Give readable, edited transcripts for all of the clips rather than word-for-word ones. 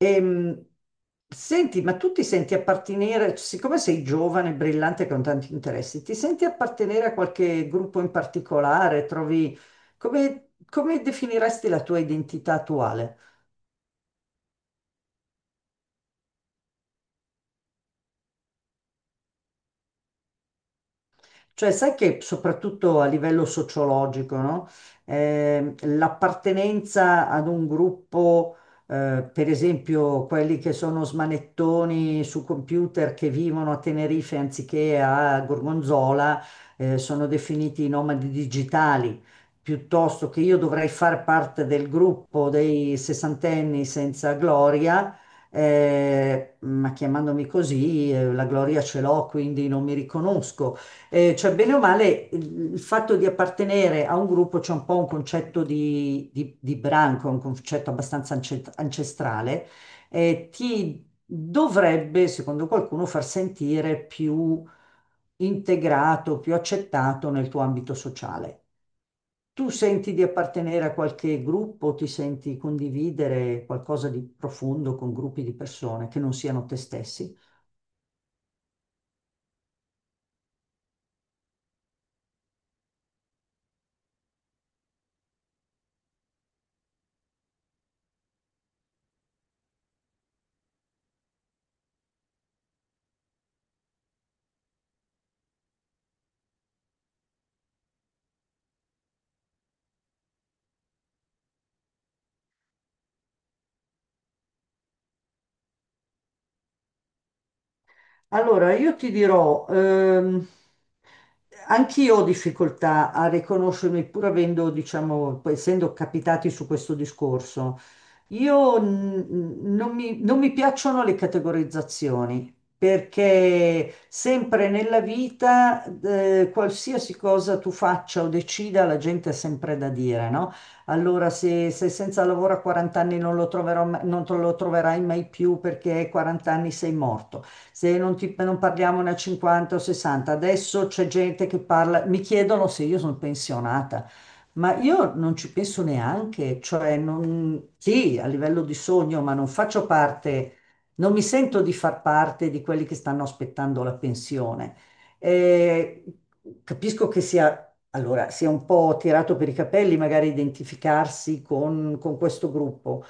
Ehm, Senti, ma tu ti senti appartenere, siccome sei giovane, brillante, con tanti interessi, ti senti appartenere a qualche gruppo in particolare? Trovi, come, come definiresti la tua identità attuale? Cioè, sai che soprattutto a livello sociologico, no? L'appartenenza ad un gruppo, per esempio quelli che sono smanettoni su computer che vivono a Tenerife anziché a Gorgonzola, sono definiti i nomadi digitali, piuttosto che io dovrei far parte del gruppo dei sessantenni senza gloria. Ma chiamandomi così, la gloria ce l'ho, quindi non mi riconosco. Cioè, bene o male, il fatto di appartenere a un gruppo c'è un po' un concetto di branco, un concetto abbastanza ancestrale, ti dovrebbe, secondo qualcuno, far sentire più integrato, più accettato nel tuo ambito sociale. Tu senti di appartenere a qualche gruppo, ti senti condividere qualcosa di profondo con gruppi di persone che non siano te stessi? Allora, io ti dirò, anch'io ho difficoltà a riconoscermi, pur avendo, diciamo, poi essendo capitati su questo discorso. Io non mi piacciono le categorizzazioni perché sempre nella vita, qualsiasi cosa tu faccia o decida, la gente ha sempre da dire, no? Allora, se senza lavoro a 40 anni non lo troverò non te lo troverai mai più perché a 40 anni sei morto. Se non parliamo ne a 50 o 60, adesso c'è gente che parla, mi chiedono se io sono pensionata. Ma io non ci penso neanche, cioè non, sì, a livello di sogno, ma non faccio parte, non mi sento di far parte di quelli che stanno aspettando la pensione. Eh, Capisco che sia, allora, sia un po' tirato per i capelli magari identificarsi con questo gruppo,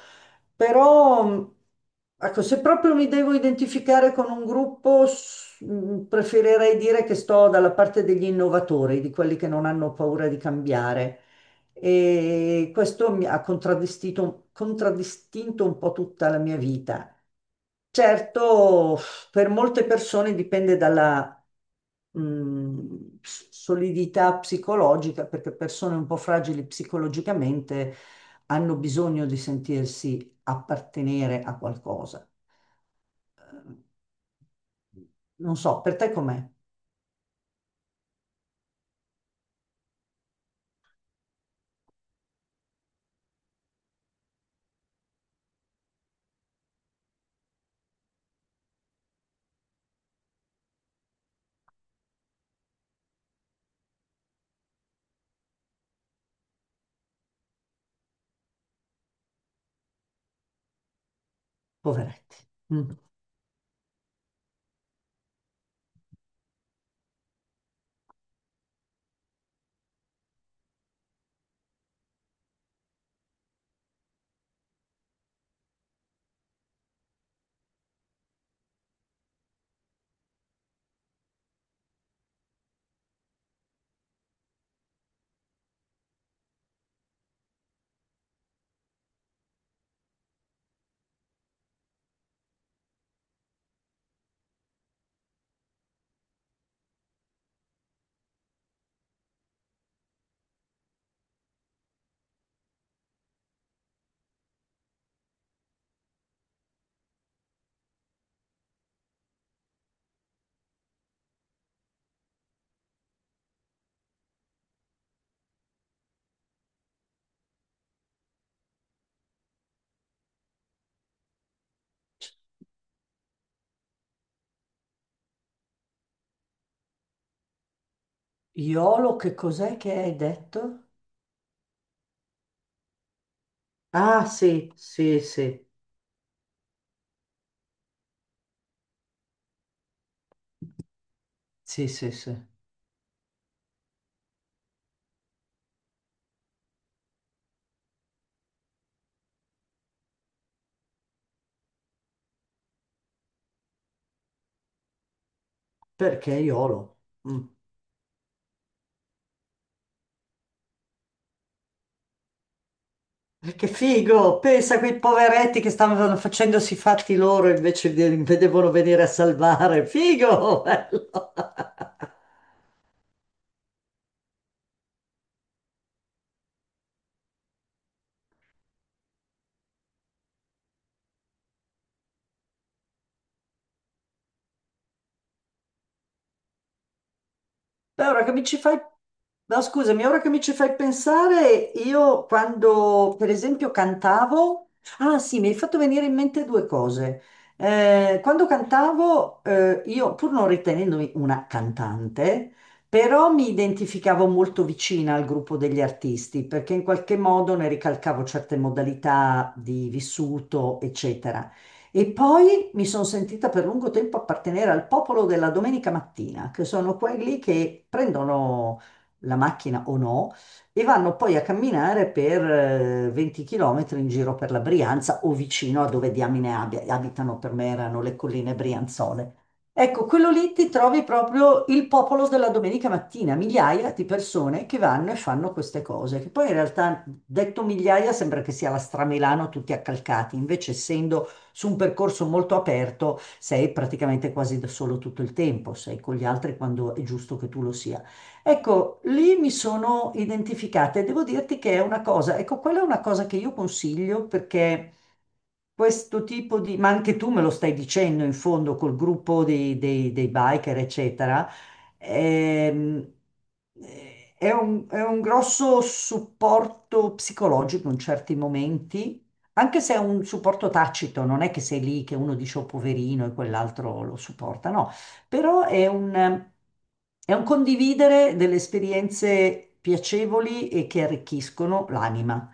però ecco, se proprio mi devo identificare con un gruppo, preferirei dire che sto dalla parte degli innovatori, di quelli che non hanno paura di cambiare e questo mi ha contraddistinto un po' tutta la mia vita. Certo, per molte persone dipende dalla solidità psicologica, perché persone un po' fragili psicologicamente hanno bisogno di sentirsi appartenere a qualcosa. Non so, per te com'è? Poveretti. Mm. Iolo, che cos'è che hai detto? Ah, sì, sì, sì, sì, sì, sì. Perché Iolo? Mm. Che figo! Pensa a quei poveretti che stavano facendosi i fatti loro invece vedevano venire a salvare. Figo! Bello! Beh, ora che mi ci fai... No, scusami, ora che mi ci fai pensare, io quando, per esempio, cantavo... Ah, sì, mi hai fatto venire in mente due cose. Quando cantavo, io, pur non ritenendomi una cantante, però mi identificavo molto vicina al gruppo degli artisti, perché in qualche modo ne ricalcavo certe modalità di vissuto, eccetera. E poi mi sono sentita per lungo tempo appartenere al popolo della domenica mattina, che sono quelli che prendono la macchina o no e vanno poi a camminare per 20 km in giro per la Brianza o vicino a dove diamine abitano, per me erano le colline brianzole. Ecco, quello lì ti trovi proprio il popolo della domenica mattina, migliaia di persone che vanno e fanno queste cose, che poi in realtà detto migliaia sembra che sia la Stramilano tutti accalcati, invece essendo su un percorso molto aperto sei praticamente quasi da solo tutto il tempo, sei con gli altri quando è giusto che tu lo sia. Ecco, lì mi sono identificata e devo dirti che è una cosa, ecco, quella è una cosa che io consiglio perché questo tipo di, ma anche tu me lo stai dicendo in fondo col gruppo dei biker, eccetera, ehm, eh, è un grosso supporto psicologico in certi momenti anche se è un supporto tacito, non è che sei lì che uno dice oh poverino e quell'altro lo supporta, no, però è un condividere delle esperienze piacevoli e che arricchiscono l'anima.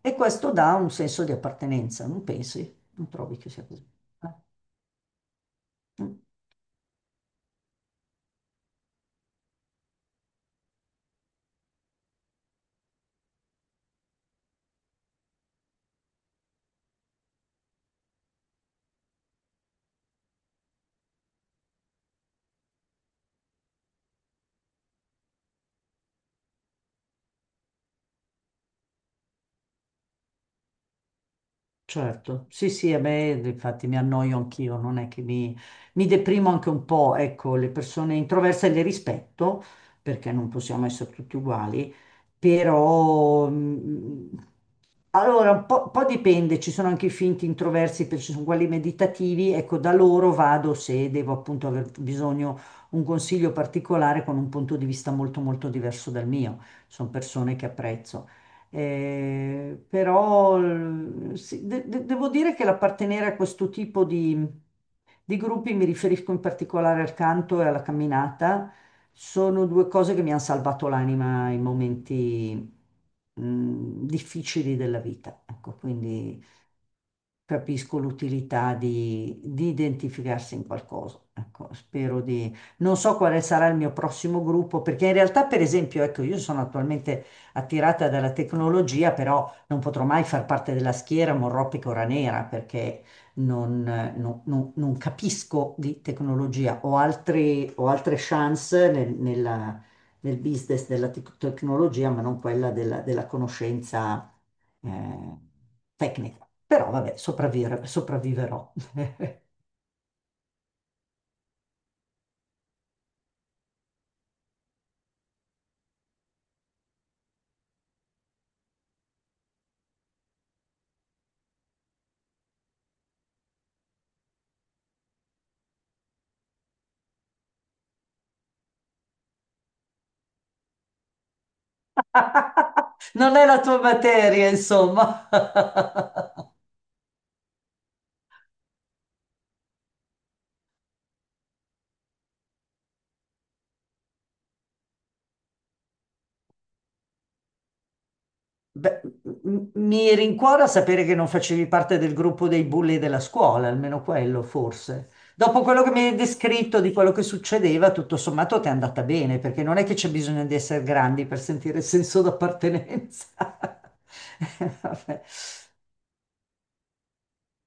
E questo dà un senso di appartenenza, non pensi? Non trovi che sia così? Eh? Mm. Certo, sì, sì, e beh, infatti mi annoio anch'io, non è che mi deprimo anche un po', ecco, le persone introverse le rispetto, perché non possiamo essere tutti uguali, però allora po' dipende, ci sono anche i finti introversi, ci sono quelli meditativi, ecco, da loro vado se devo appunto aver bisogno un consiglio particolare con un punto di vista molto molto diverso dal mio, sono persone che apprezzo. Però sì, devo dire che l'appartenere a questo tipo di gruppi, mi riferisco in particolare al canto e alla camminata, sono due cose che mi hanno salvato l'anima in momenti difficili della vita. Ecco, quindi capisco l'utilità di identificarsi in qualcosa. Ecco, spero di... Non so quale sarà il mio prossimo gruppo, perché in realtà, per esempio, ecco, io sono attualmente attirata dalla tecnologia, però non potrò mai far parte della schiera Morroppi-Cora Nera perché non, non capisco di tecnologia. Ho altre chance nel business della tecnologia, ma non quella della, della conoscenza eh, tecnica. Però vabbè, sopravviverò. Non è la tua materia, insomma. Beh, mi rincuora sapere che non facevi parte del gruppo dei bulli della scuola, almeno quello forse. Dopo quello che mi hai descritto di quello che succedeva, tutto sommato ti è andata bene, perché non è che c'è bisogno di essere grandi per sentire senso d'appartenenza. Vabbè.